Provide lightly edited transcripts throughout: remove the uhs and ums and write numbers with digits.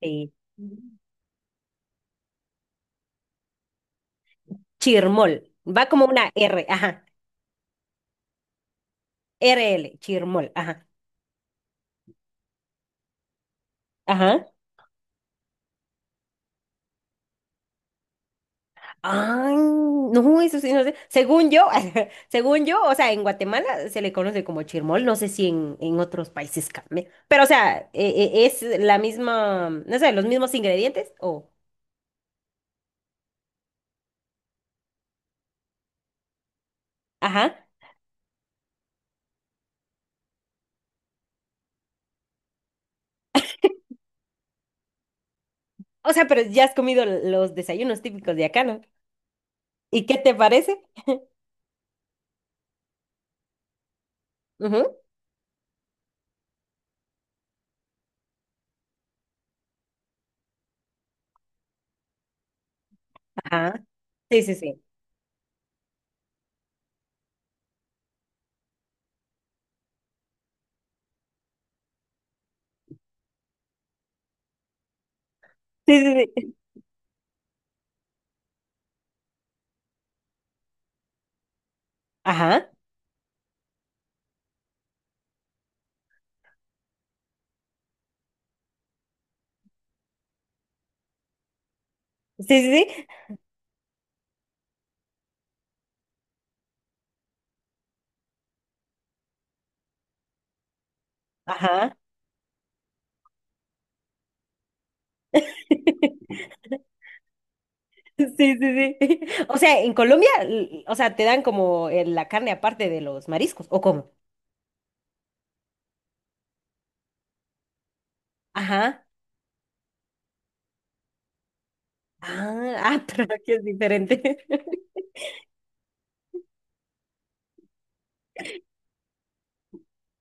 Sí. Chirmol. Va como una R, ajá. RL, chirmol, ajá. Ajá. Ay, no, eso sí, no sé. Según yo, según yo, o sea, en Guatemala se le conoce como chirmol, no sé si en, otros países cambia. Pero, o sea, es la misma, no sé, los mismos ingredientes o, ajá. O sea, pero ya has comido los desayunos típicos de acá, ¿no? ¿Y qué te parece? Ujú. Ajá. Sí, sí, sí. Sí, sí, sí. Ajá. Sí, sí, sí. Ajá. Sí, sí, sí. O sea, en Colombia, o sea, te dan como la carne aparte de los mariscos, ¿o cómo? Ajá. Ah, ah, pero aquí es diferente.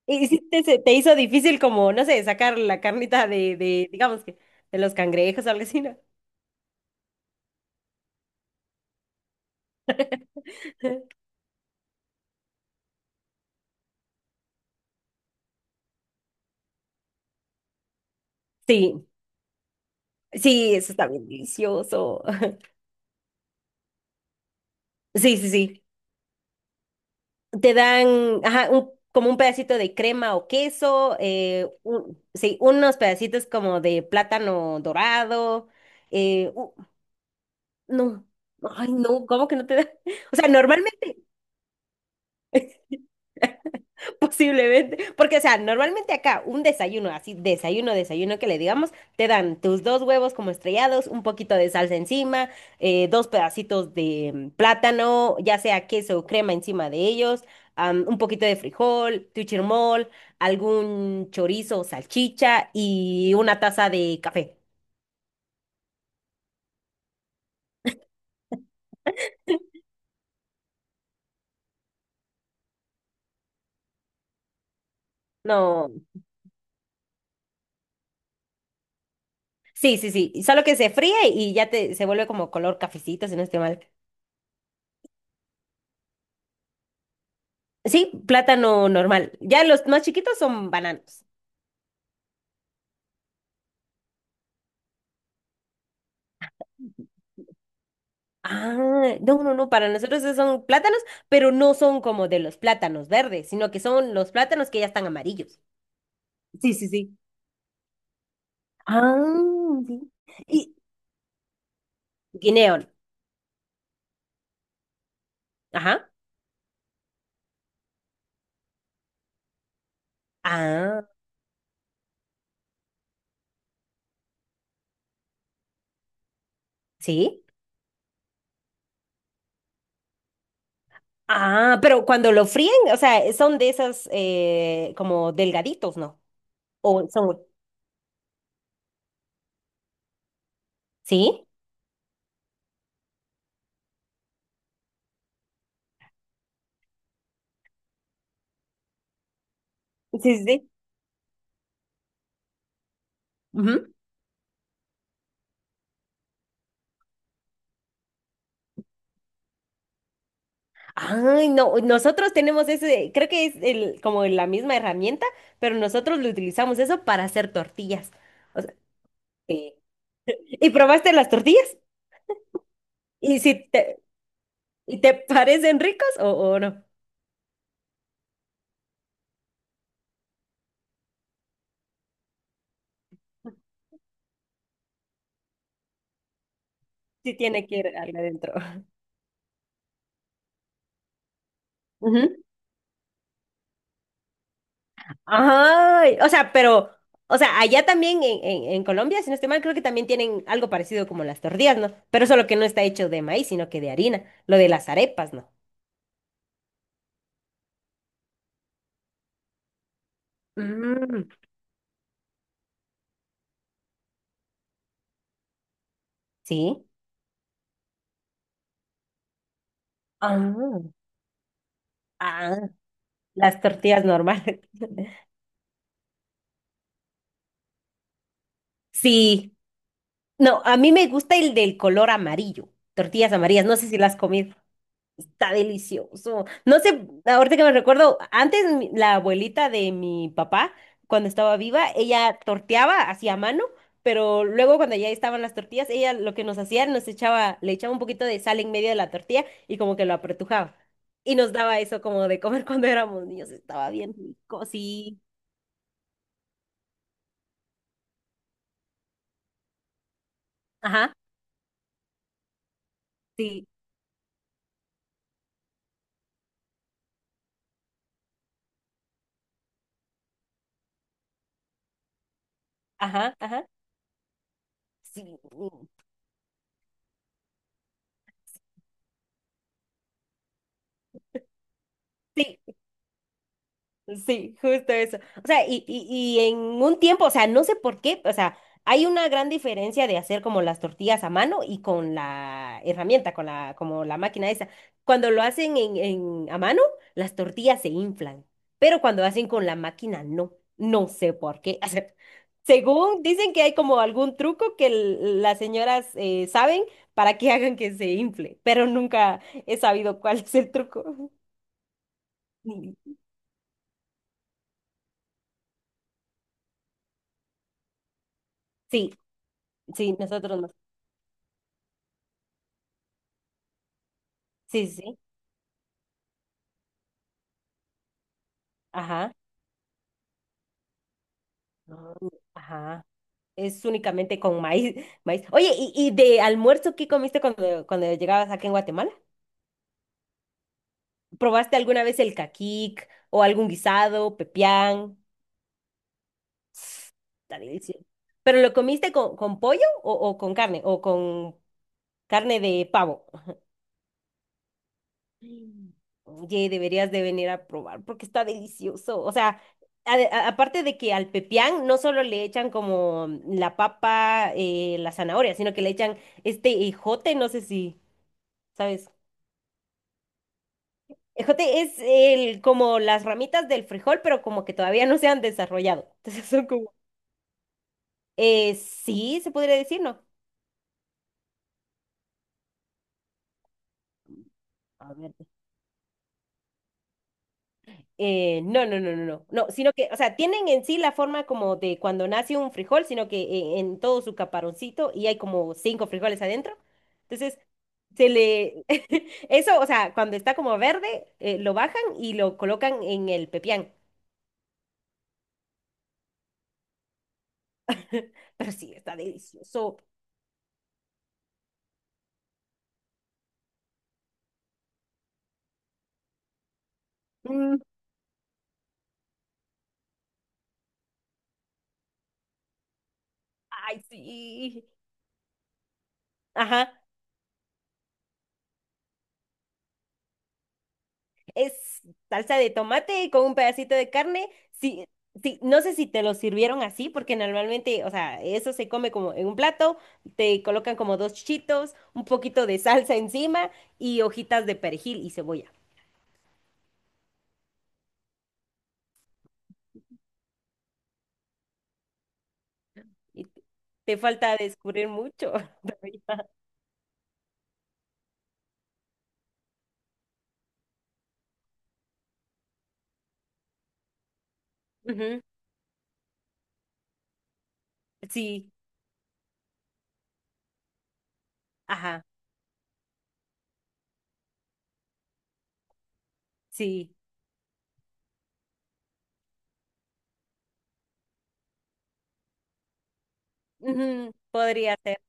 ¿Y si te, se te hizo difícil como, no sé, sacar la carnita de, digamos que, de los cangrejos o algo así, ¿no? Sí, sí, eso está bien delicioso. Sí, sí, sí. Te dan, ajá, como un pedacito de crema o queso, sí, unos pedacitos como de plátano dorado. No, ay, no, ¿cómo que no te da? O sea, normalmente, posiblemente, porque, o sea, normalmente acá un desayuno, así, desayuno, desayuno que le digamos, te dan tus dos huevos como estrellados, un poquito de salsa encima, dos pedacitos de plátano, ya sea queso o crema encima de ellos, un poquito de frijol, tu chirmol, algún chorizo o salchicha y una taza de café. No, sí, sí, sí, solo que se fríe y ya te, se vuelve como color cafecito, si no estoy mal. Sí, plátano normal. Ya los más chiquitos son bananos. Ah, no, no, no, para nosotros esos son plátanos, pero no son como de los plátanos verdes, sino que son los plátanos que ya están amarillos. Sí, sí, sí. Ah, sí. Y guineón. Ajá. Ah, sí. Ah, pero cuando lo fríen, o sea, son de esas como delgaditos, ¿no? O son, ¿sí? Sí, sí, sí. Ay, no, nosotros tenemos ese, creo que es el, como la misma herramienta, pero nosotros lo utilizamos eso para hacer tortillas. O sea, eh, ¿y probaste las tortillas? ¿Y si te, y te parecen ricos o no? Sí tiene que ir algo adentro. Ujú. Ay, o sea, pero, o sea, allá también en Colombia, si no estoy mal, creo que también tienen algo parecido como las tortillas, ¿no? Pero solo que no está hecho de maíz, sino que de harina. Lo de las arepas, ¿no? Mm, sí. Ah. Las tortillas normales. Sí. No, a mí me gusta el del color amarillo. Tortillas amarillas, no sé si las has comido. Está delicioso. No sé, ahorita que me recuerdo, antes la abuelita de mi papá, cuando estaba viva, ella torteaba hacía mano, pero luego cuando ya estaban las tortillas, ella lo que nos hacía, nos echaba, le echaba un poquito de sal en medio de la tortilla y como que lo apretujaba. Y nos daba eso como de comer cuando éramos niños. Estaba bien rico, sí. Ajá, sí, ajá, ajá. Sí, sí, sí, justo eso. O sea, y en un tiempo, o sea, no sé por qué, o sea, hay una gran diferencia de hacer como las tortillas a mano y con la herramienta, con la, como la máquina esa. Cuando lo hacen en, a mano, las tortillas se inflan, pero cuando hacen con la máquina, no. No sé por qué. O sea, según dicen que hay como algún truco que las señoras saben para que hagan que se infle, pero nunca he sabido cuál es el truco. Sí. Sí, nosotros no. Sí, sí, sí. Ajá. No, no. Ajá. Es únicamente con maíz, maíz. Oye, y de almuerzo qué comiste cuando, cuando llegabas acá en Guatemala? ¿Probaste alguna vez el caquic o algún guisado, pepián? Está delicioso. ¿Pero lo comiste con pollo o con carne? ¿O con carne de pavo? Mm. Oye, deberías de venir a probar porque está delicioso. O sea, aparte de que al pepián no solo le echan como la papa, la zanahoria, sino que le echan este ejote, no sé si, ¿sabes? Ejote es el, como las ramitas del frijol, pero como que todavía no se han desarrollado. Entonces son como... sí, se podría decir, ¿no? A ver. No, no, no, no, no, no, sino que, o sea, tienen en sí la forma como de cuando nace un frijol, sino que en todo su caparoncito y hay como cinco frijoles adentro. Entonces, se le, eso, o sea, cuando está como verde, lo bajan y lo colocan en el pepián. Pero sí, está delicioso. Mm. Ay, sí. Ajá. Es salsa de tomate con un pedacito de carne. Sí, sí, no sé si te lo sirvieron así, porque normalmente, o sea, eso se come como en un plato, te colocan como dos chitos, un poquito de salsa encima y hojitas de perejil y cebolla. Y te falta descubrir mucho. Todavía. Ujú. Sí, ajá, sí. Ujú. Podría ser,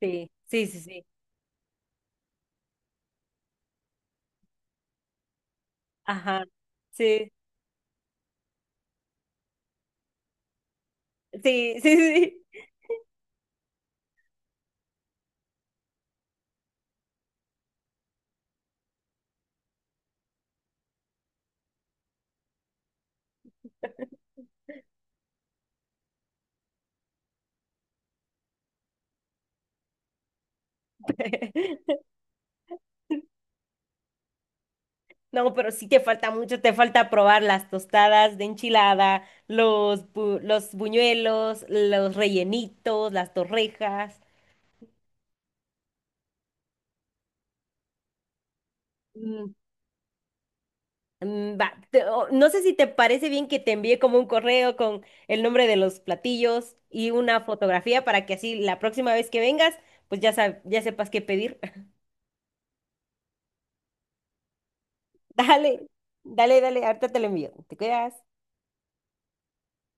sí, sí, sí, sí. Ajá, sí, sí, sí, sí. No, pero sí te falta mucho, te falta probar las tostadas de enchilada, los, los buñuelos, los rellenitos, las torrejas. Mm. Mm, va, no sé si te parece bien que te envíe como un correo con el nombre de los platillos y una fotografía para que así la próxima vez que vengas, pues ya, ya sepas qué pedir. Dale, dale, dale, ahorita te lo envío. ¿Te cuidas?